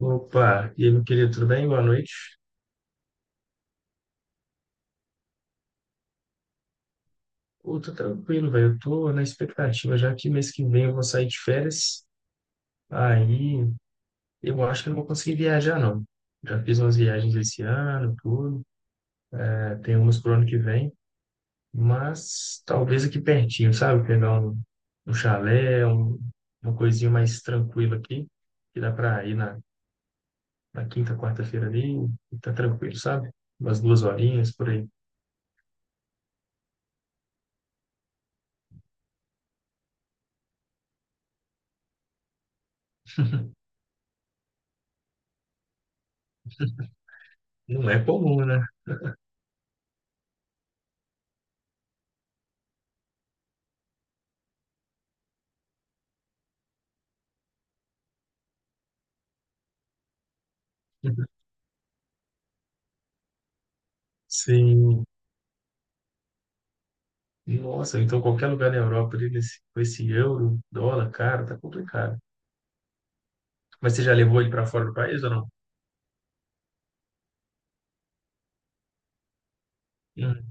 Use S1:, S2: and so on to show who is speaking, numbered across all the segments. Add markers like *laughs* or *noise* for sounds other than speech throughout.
S1: Opa, e aí, meu querido, tudo bem? Boa noite. Pô, tô tranquilo, velho. Eu tô na expectativa, já que mês que vem eu vou sair de férias. Aí eu acho que eu não vou conseguir viajar, não. Já fiz umas viagens esse ano, tudo, né. Tem umas pro ano que vem, mas talvez aqui pertinho, sabe? Pegar um, um chalé, uma coisinha mais tranquila aqui, que dá pra ir na quinta, quarta-feira ali, e tá tranquilo, sabe? Umas duas horinhas por aí. Não é comum, né? *laughs* Sim. Nossa, então qualquer lugar na Europa ali, nesse, com esse euro, dólar, cara, tá complicado. Mas você já levou ele para fora do país ou não? Hum,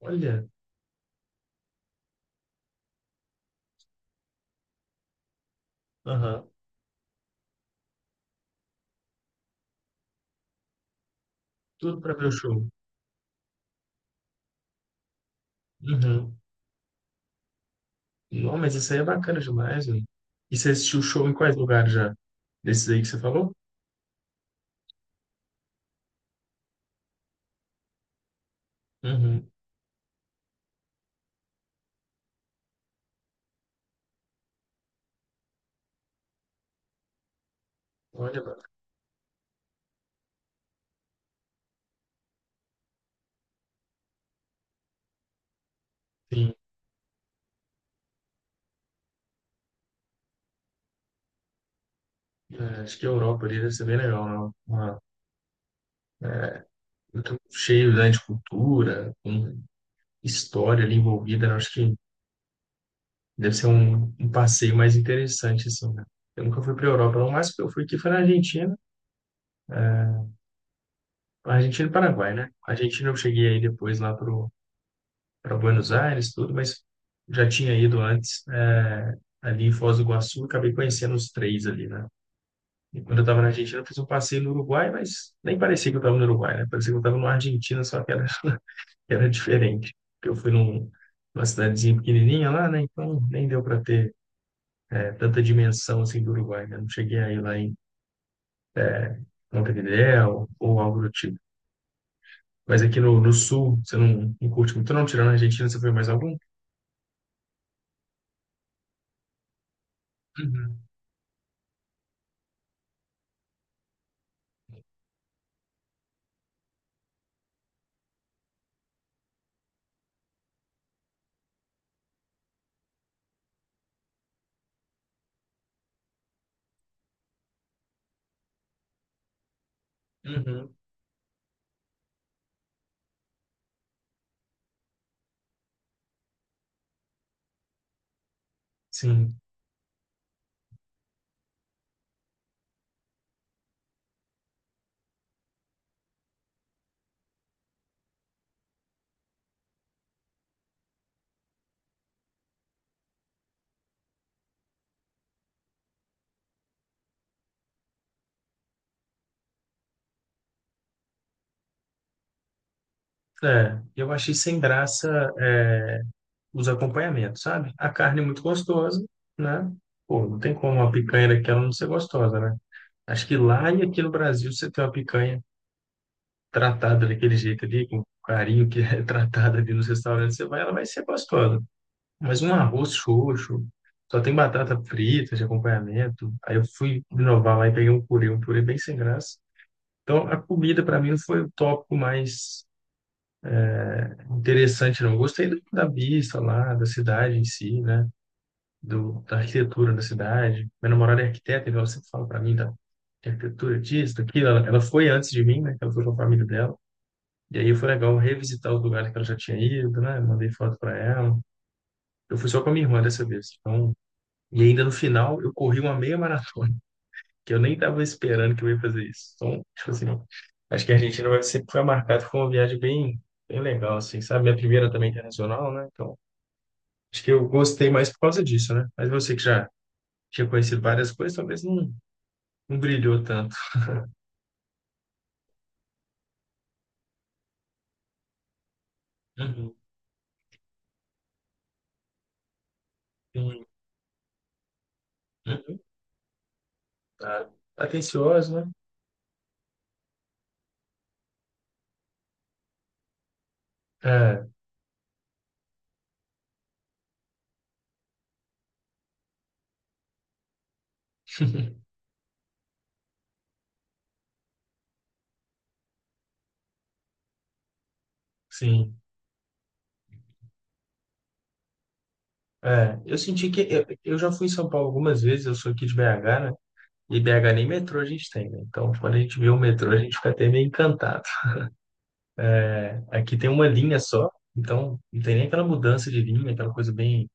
S1: olha, aham, tudo para ver o show. Uhum. Não, mas isso aí é bacana demais, velho. E você assistiu o show em quais lugares já? Desses aí que você falou? Uhum. Olha, mano, sim. É, acho que a Europa ali deve ser bem legal, não? Uma, muito cheio, né, de cultura, com história ali envolvida, né? Acho que deve ser um, um passeio mais interessante, assim, né? Eu nunca fui para a Europa, não. O máximo que eu fui aqui foi na Argentina. É, Argentina e Paraguai, né? Argentina eu cheguei aí depois para Buenos Aires, tudo, mas já tinha ido antes, é, ali em Foz do Iguaçu, acabei conhecendo os três ali, né? E quando eu estava na Argentina, eu fiz um passeio no Uruguai, mas nem parecia que eu estava no Uruguai, né? Parecia que eu estava na Argentina, só que era, *laughs* era diferente. Porque eu fui num, numa cidadezinha pequenininha lá, né? Então nem deu para ter, é, tanta dimensão assim do Uruguai, né? Não cheguei aí lá em Montevidéu ou algo do tipo. Mas aqui no, no sul, você não, não curte muito, não? Tirando a Argentina, você foi mais algum? Uhum, uhum, sim. É, eu achei sem graça, é, os acompanhamentos, sabe? A carne é muito gostosa, né? Pô, não tem como uma picanha daquela não ser gostosa, né? Acho que lá e aqui no Brasil você tem uma picanha tratada daquele jeito ali, com o carinho que é *laughs* tratada ali nos restaurantes, você vai, ela vai ser gostosa. Mas um arroz xoxo, só tem batata frita de acompanhamento. Aí eu fui inovar lá e peguei um purê bem sem graça. Então a comida para mim não foi o tópico mais interessante, não. Eu da vista lá, da cidade em si, né? Do, da arquitetura da cidade. Minha namorada é arquiteta, então ela sempre fala para mim da arquitetura disso, daquilo. Ela foi antes de mim, né? que Ela foi com a família dela. E aí foi legal revisitar os lugares que ela já tinha ido, né? Mandei foto para ela. Eu fui só com a minha irmã dessa vez. Então e ainda no final eu corri uma meia maratona, que eu nem estava esperando que eu ia fazer isso. Então, tipo assim, acho que a Argentina vai sempre foi marcado por uma viagem bem, bem legal, assim, sabe? Minha primeira também internacional, né? Então, acho que eu gostei mais por causa disso, né? Mas você que já tinha conhecido várias coisas, talvez não, não brilhou tanto. Uhum. Sim. Uhum. Ah, atencioso, né? É, *laughs* sim. É, eu senti que eu já fui em São Paulo algumas vezes, eu sou aqui de BH, né? E BH nem metrô a gente tem, né? Então, quando a gente vê o metrô, a gente fica até meio encantado. Aqui tem uma linha só, então não tem nem aquela mudança de linha, aquela coisa bem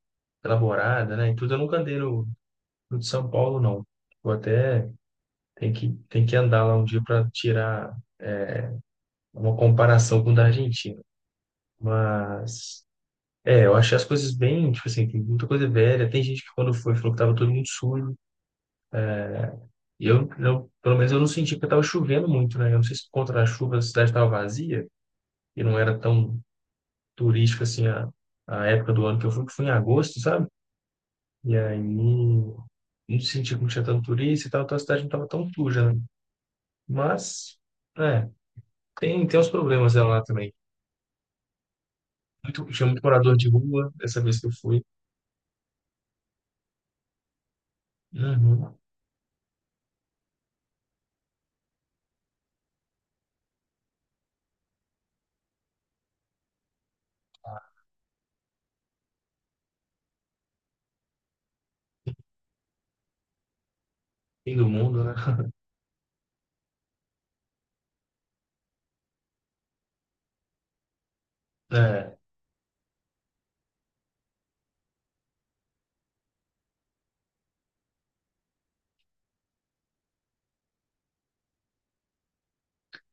S1: elaborada, né? E tudo eu nunca andei no, no de São Paulo, não. Vou até tem que andar lá um dia para tirar uma comparação com o da Argentina. Mas, é, eu achei as coisas bem, tipo assim, tem muita coisa velha. Tem gente que quando foi falou que tava todo mundo sujo. E pelo menos eu não senti que tava chovendo muito, né? Eu não sei se por conta da chuva a cidade tava vazia, e não era tão turístico assim a época do ano que eu fui, que foi em agosto, sabe? E aí não sentia que não tinha tanto turista e tal, então a cidade não estava tão suja, né? Mas, é, tem uns problemas dela lá também. Muito, tinha muito morador de rua, dessa vez que eu fui. Uhum. Fim do mundo, né? *laughs* É,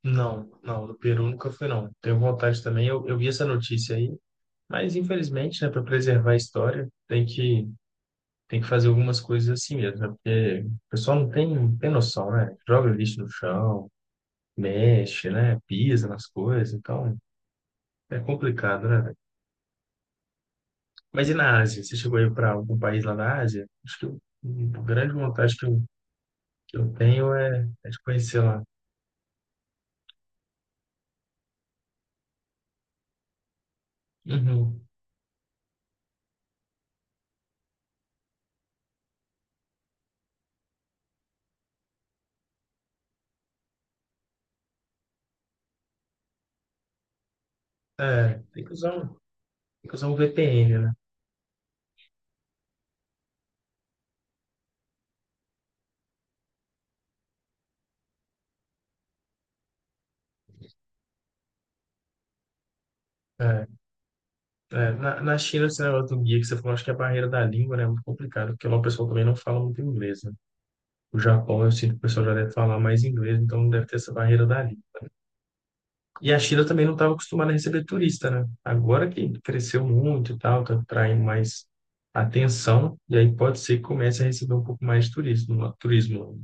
S1: não, não, do Peru nunca fui, não. Tenho vontade também, eu vi essa notícia aí, mas infelizmente, né, para preservar a história, tem que fazer algumas coisas assim mesmo, né? Porque o pessoal não tem noção, né? Joga lixo no chão, mexe, né? Pisa nas coisas, então é complicado, né, velho? Mas e na Ásia? Você chegou aí para algum país lá na Ásia? A grande vontade que que eu tenho é, é de conhecer lá. Uhum. É, tem que usar um VPN, né? É, é. Na China, esse negócio do guia que você falou, acho que é a barreira da língua, né, é muito complicado, porque lá o pessoal também não fala muito inglês, né? O Japão, eu sinto que o pessoal já deve falar mais inglês, então não deve ter essa barreira da língua. E a China também não estava acostumada a receber turista, né? Agora que cresceu muito e tal, está atraindo mais atenção, e aí pode ser que comece a receber um pouco mais de turismo, turismo.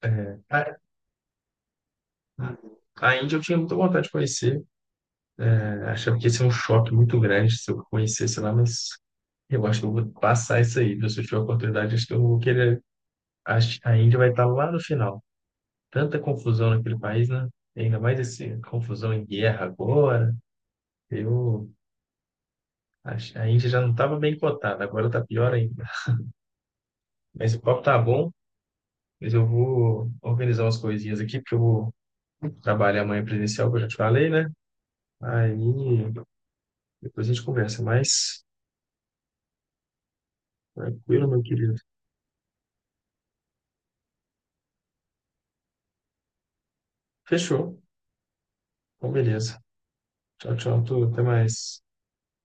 S1: É, a Índia eu tinha muita vontade de conhecer, é, achava que ia ser um choque muito grande se eu conhecesse lá, mas eu acho que eu vou passar isso aí, viu? Se eu tiver a oportunidade, acho que eu vou querer. Acho que a Índia vai estar lá no final. Tanta confusão naquele país, né? E ainda mais essa confusão em guerra agora. Eu acho, a Índia já não estava bem cotada, agora tá pior ainda. Mas o papo tá bom, mas eu vou organizar umas coisinhas aqui, porque eu vou trabalhar amanhã presencial, que eu já te falei, né? Aí depois a gente conversa mais. Tranquilo, meu querido. Fechou. Então, beleza. Tchau, tchau, tudo. Até mais.